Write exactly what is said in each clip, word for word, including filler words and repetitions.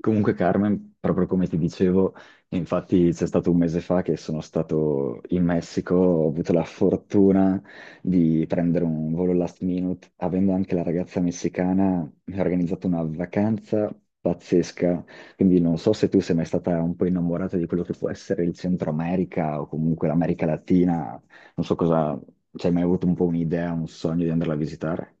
Comunque Carmen, proprio come ti dicevo, infatti c'è stato un mese fa che sono stato in Messico, ho avuto la fortuna di prendere un volo last minute, avendo anche la ragazza messicana, mi ha organizzato una vacanza pazzesca, quindi non so se tu sei mai stata un po' innamorata di quello che può essere il Centro America o comunque l'America Latina, non so cosa, ci hai mai avuto un po' un'idea, un sogno di andarla a visitare?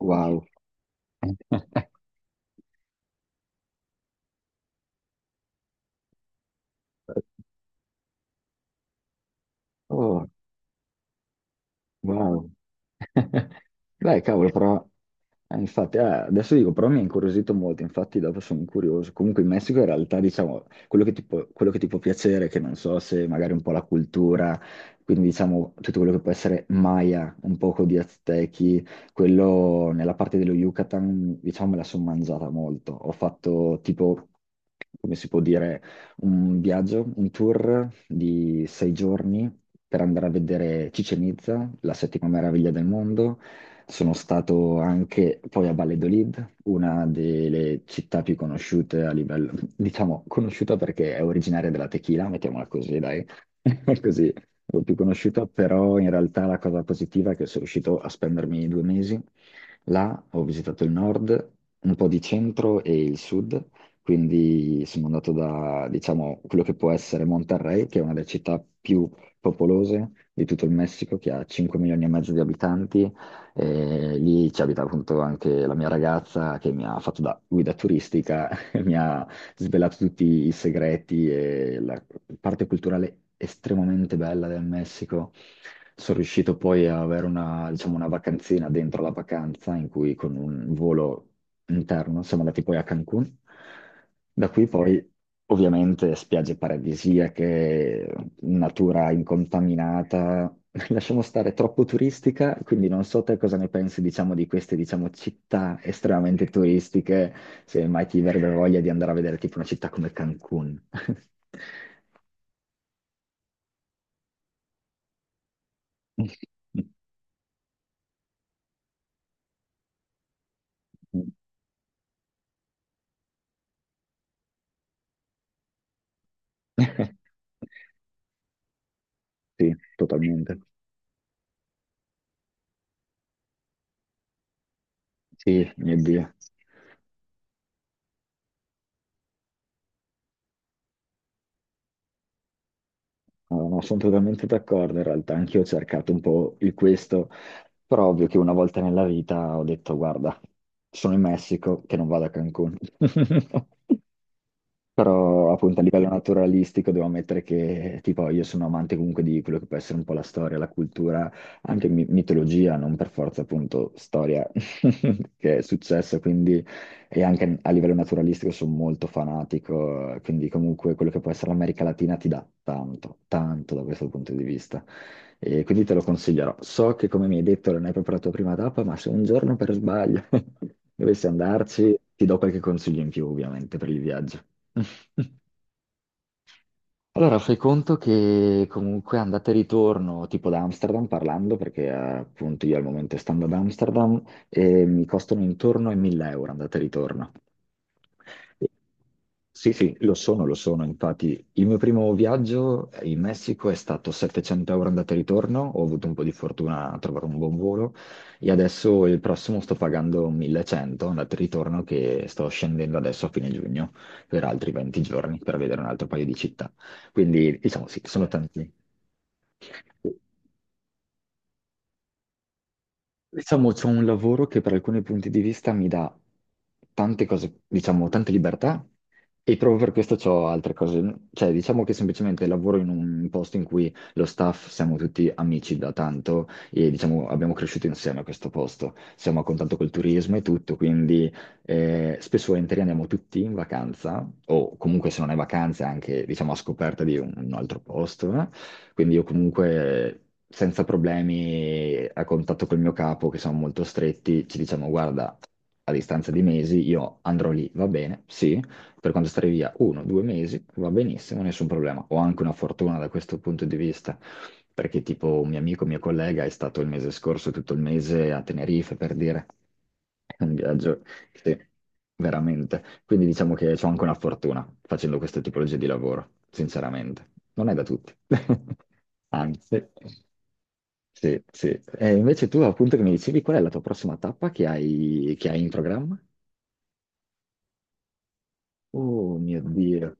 Wow. Oh. Wow. Dai, cavolo, però, eh, infatti, eh, adesso dico, però mi ha incuriosito molto, infatti dopo sono curioso. Comunque in Messico in realtà, diciamo, quello che ti può, quello che ti può piacere, che non so se magari un po' la cultura, quindi diciamo tutto quello che può essere Maya, un poco di Aztechi, quello nella parte dello Yucatan, diciamo, me la sono mangiata molto. Ho fatto tipo, come si può dire, un viaggio, un tour di sei giorni per andare a vedere Chichen Itza, la settima meraviglia del mondo. Sono stato anche poi a Valladolid, una delle città più conosciute a livello, diciamo, conosciuta perché è originaria della tequila, mettiamola così, dai, così, un po' più conosciuta, però in realtà la cosa positiva è che sono riuscito a spendermi due mesi. Là ho visitato il nord, un po' di centro e il sud, quindi sono andato da, diciamo, quello che può essere Monterrey, che è una delle città più popolose di tutto il Messico, che ha cinque milioni e mezzo di abitanti. E lì ci abita appunto anche la mia ragazza che mi ha fatto da guida turistica, e mi ha svelato tutti i segreti e la parte culturale estremamente bella del Messico. Sono riuscito poi a avere una, diciamo, una vacanzina dentro la vacanza in cui con un volo interno siamo andati poi a Cancun. Da qui poi ovviamente spiagge paradisiache, natura incontaminata. Lasciamo stare, troppo turistica, quindi non so te cosa ne pensi, diciamo, di queste, diciamo, città estremamente turistiche se mai ti verrebbe voglia di andare a vedere tipo una città come Cancun. Sì, totalmente. Sì, mio Dio. No, no, sono totalmente d'accordo in realtà, anch'io ho cercato un po' il questo, però ovvio che una volta nella vita ho detto, guarda, sono in Messico, che non vado a Cancun. Però appunto a livello naturalistico devo ammettere che tipo io sono amante comunque di quello che può essere un po' la storia, la cultura, anche mi- mitologia, non per forza appunto storia che è successo, quindi e anche a livello naturalistico sono molto fanatico, quindi comunque quello che può essere l'America Latina ti dà tanto, tanto da questo punto di vista e quindi te lo consiglierò. So che, come mi hai detto, non hai proprio la tua prima tappa, ma se un giorno per sbaglio dovessi andarci, ti do qualche consiglio in più, ovviamente, per il viaggio. Allora, fai conto che comunque andata e ritorno, tipo da Amsterdam parlando, perché eh, appunto io al momento stando ad Amsterdam, eh, mi costano intorno ai mille euro andata e ritorno. Sì, sì, lo sono, lo sono. Infatti, il mio primo viaggio in Messico è stato settecento euro andata e ritorno. Ho avuto un po' di fortuna a trovare un buon volo e adesso il prossimo sto pagando millecento andata e ritorno, che sto scendendo adesso a fine giugno per altri venti giorni per vedere un altro paio di città. Quindi diciamo sì, sono tanti. Diciamo c'è un lavoro che per alcuni punti di vista mi dà tante cose, diciamo tante libertà e proprio per questo ho altre cose. Cioè diciamo che semplicemente lavoro in un posto in cui lo staff siamo tutti amici da tanto e diciamo abbiamo cresciuto insieme a questo posto, siamo a contatto col turismo e tutto, quindi eh, spesso e volentieri andiamo tutti in vacanza o comunque se non hai vacanze anche diciamo a scoperta di un, un altro posto eh. Quindi io comunque senza problemi a contatto col mio capo, che sono molto stretti, ci diciamo, guarda, a distanza di mesi io andrò lì, va bene, sì, per quanto stare via uno, due mesi, va benissimo, nessun problema. Ho anche una fortuna da questo punto di vista, perché tipo un mio amico, mio collega, è stato il mese scorso tutto il mese a Tenerife, per dire. È un viaggio, sì, veramente. Quindi diciamo che ho anche una fortuna facendo queste tipologie di lavoro, sinceramente. Non è da tutti. Anzi, sì, sì. E invece tu appunto che mi dicevi qual è la tua prossima tappa che hai, che hai in programma? Oh mio Dio.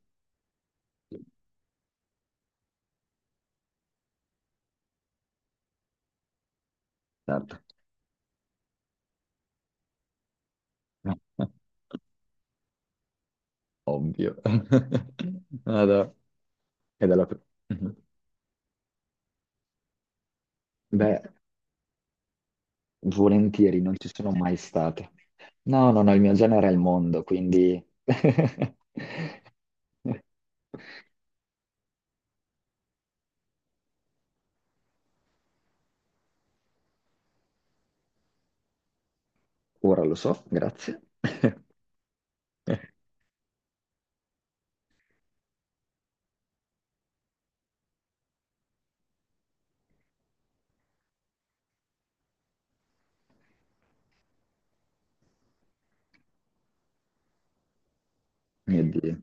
Certo. Ovvio. Vado. È dalla... Mhm. Beh, volentieri, non ci sono mai state. No, no, no, il mio genere è il mondo, quindi... Ora lo so, grazie. Mio Dio,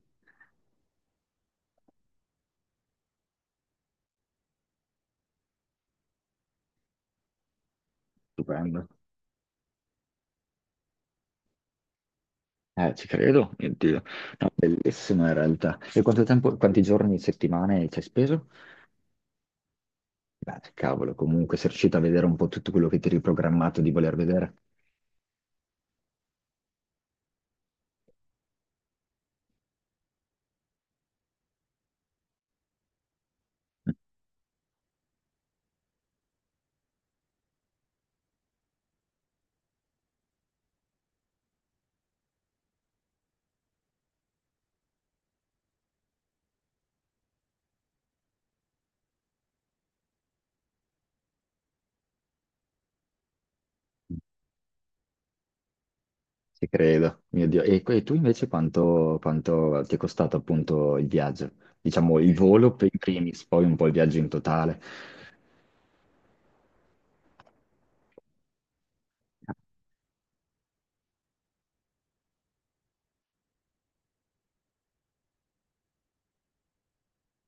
stupendo. Eh, ci credo, mio Dio. No, bellissimo in realtà. E quanto tempo, quanti giorni, settimane ci hai speso? Beh, cavolo, comunque sei riuscito a vedere un po' tutto quello che ti eri programmato di voler vedere. Ci credo, mio Dio. E, e tu invece quanto, quanto ti è costato appunto il viaggio? Diciamo il volo per i primis, poi un po' il viaggio in totale.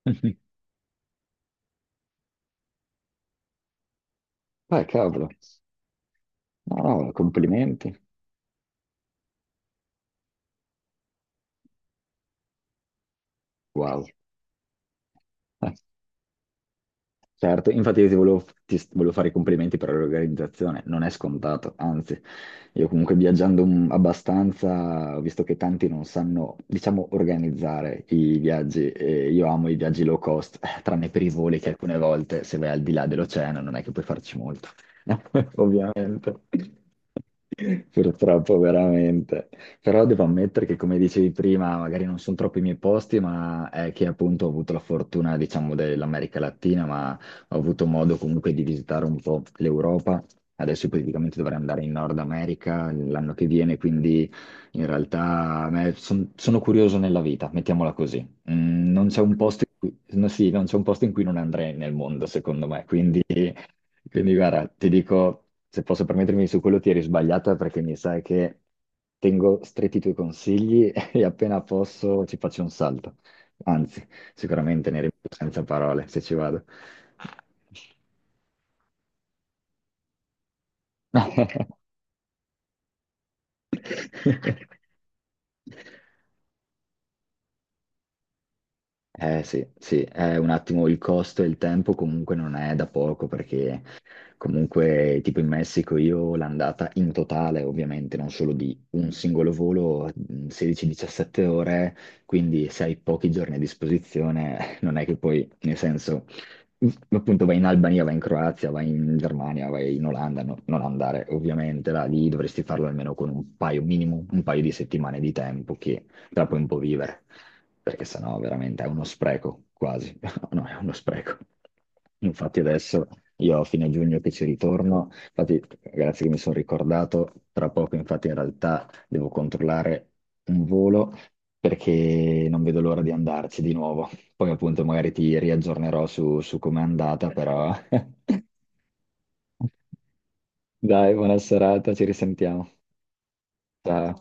Beh, cavolo. No, no, complimenti. Wow. Certo, infatti io ti volevo, ti s- volevo fare i complimenti per l'organizzazione, non è scontato, anzi, io comunque viaggiando un- abbastanza, ho visto che tanti non sanno, diciamo, organizzare i viaggi, e io amo i viaggi low cost, eh, tranne per i voli che alcune volte se vai al di là dell'oceano non è che puoi farci molto, ovviamente. Purtroppo, veramente. Però devo ammettere che, come dicevi prima, magari non sono troppo i miei posti, ma è che appunto ho avuto la fortuna, diciamo, dell'America Latina, ma ho avuto modo comunque di visitare un po' l'Europa. Adesso praticamente dovrei andare in Nord America l'anno che viene, quindi in realtà a me son- sono curioso nella vita, mettiamola così. Mm, non c'è un posto in cui, no, sì, non c'è un posto in cui non andrei nel mondo, secondo me. Quindi, quindi guarda, ti dico, se posso permettermi su quello ti eri sbagliata perché mi sa che tengo stretti i tuoi consigli e appena posso ci faccio un salto. Anzi, sicuramente ne rimango senza parole se ci vado. Eh sì, sì, è un attimo il costo e il tempo comunque non è da poco perché comunque tipo in Messico io l'andata in totale ovviamente non solo di un singolo volo, mh, sedici diciassette ore, quindi se hai pochi giorni a disposizione non è che poi nel senso mh, appunto vai in Albania, vai in Croazia, vai in Germania, vai in Olanda, no- non andare ovviamente là, lì dovresti farlo almeno con un paio minimo, un paio di settimane di tempo che te la puoi un po' vivere perché sennò veramente è uno spreco, quasi. No, è uno spreco. Infatti adesso io a fine giugno che ci ritorno, infatti grazie che mi sono ricordato, tra poco infatti in realtà devo controllare un volo perché non vedo l'ora di andarci di nuovo. Poi appunto magari ti riaggiornerò su, su com'è andata, però. Dai, buona serata, ci risentiamo. Ciao.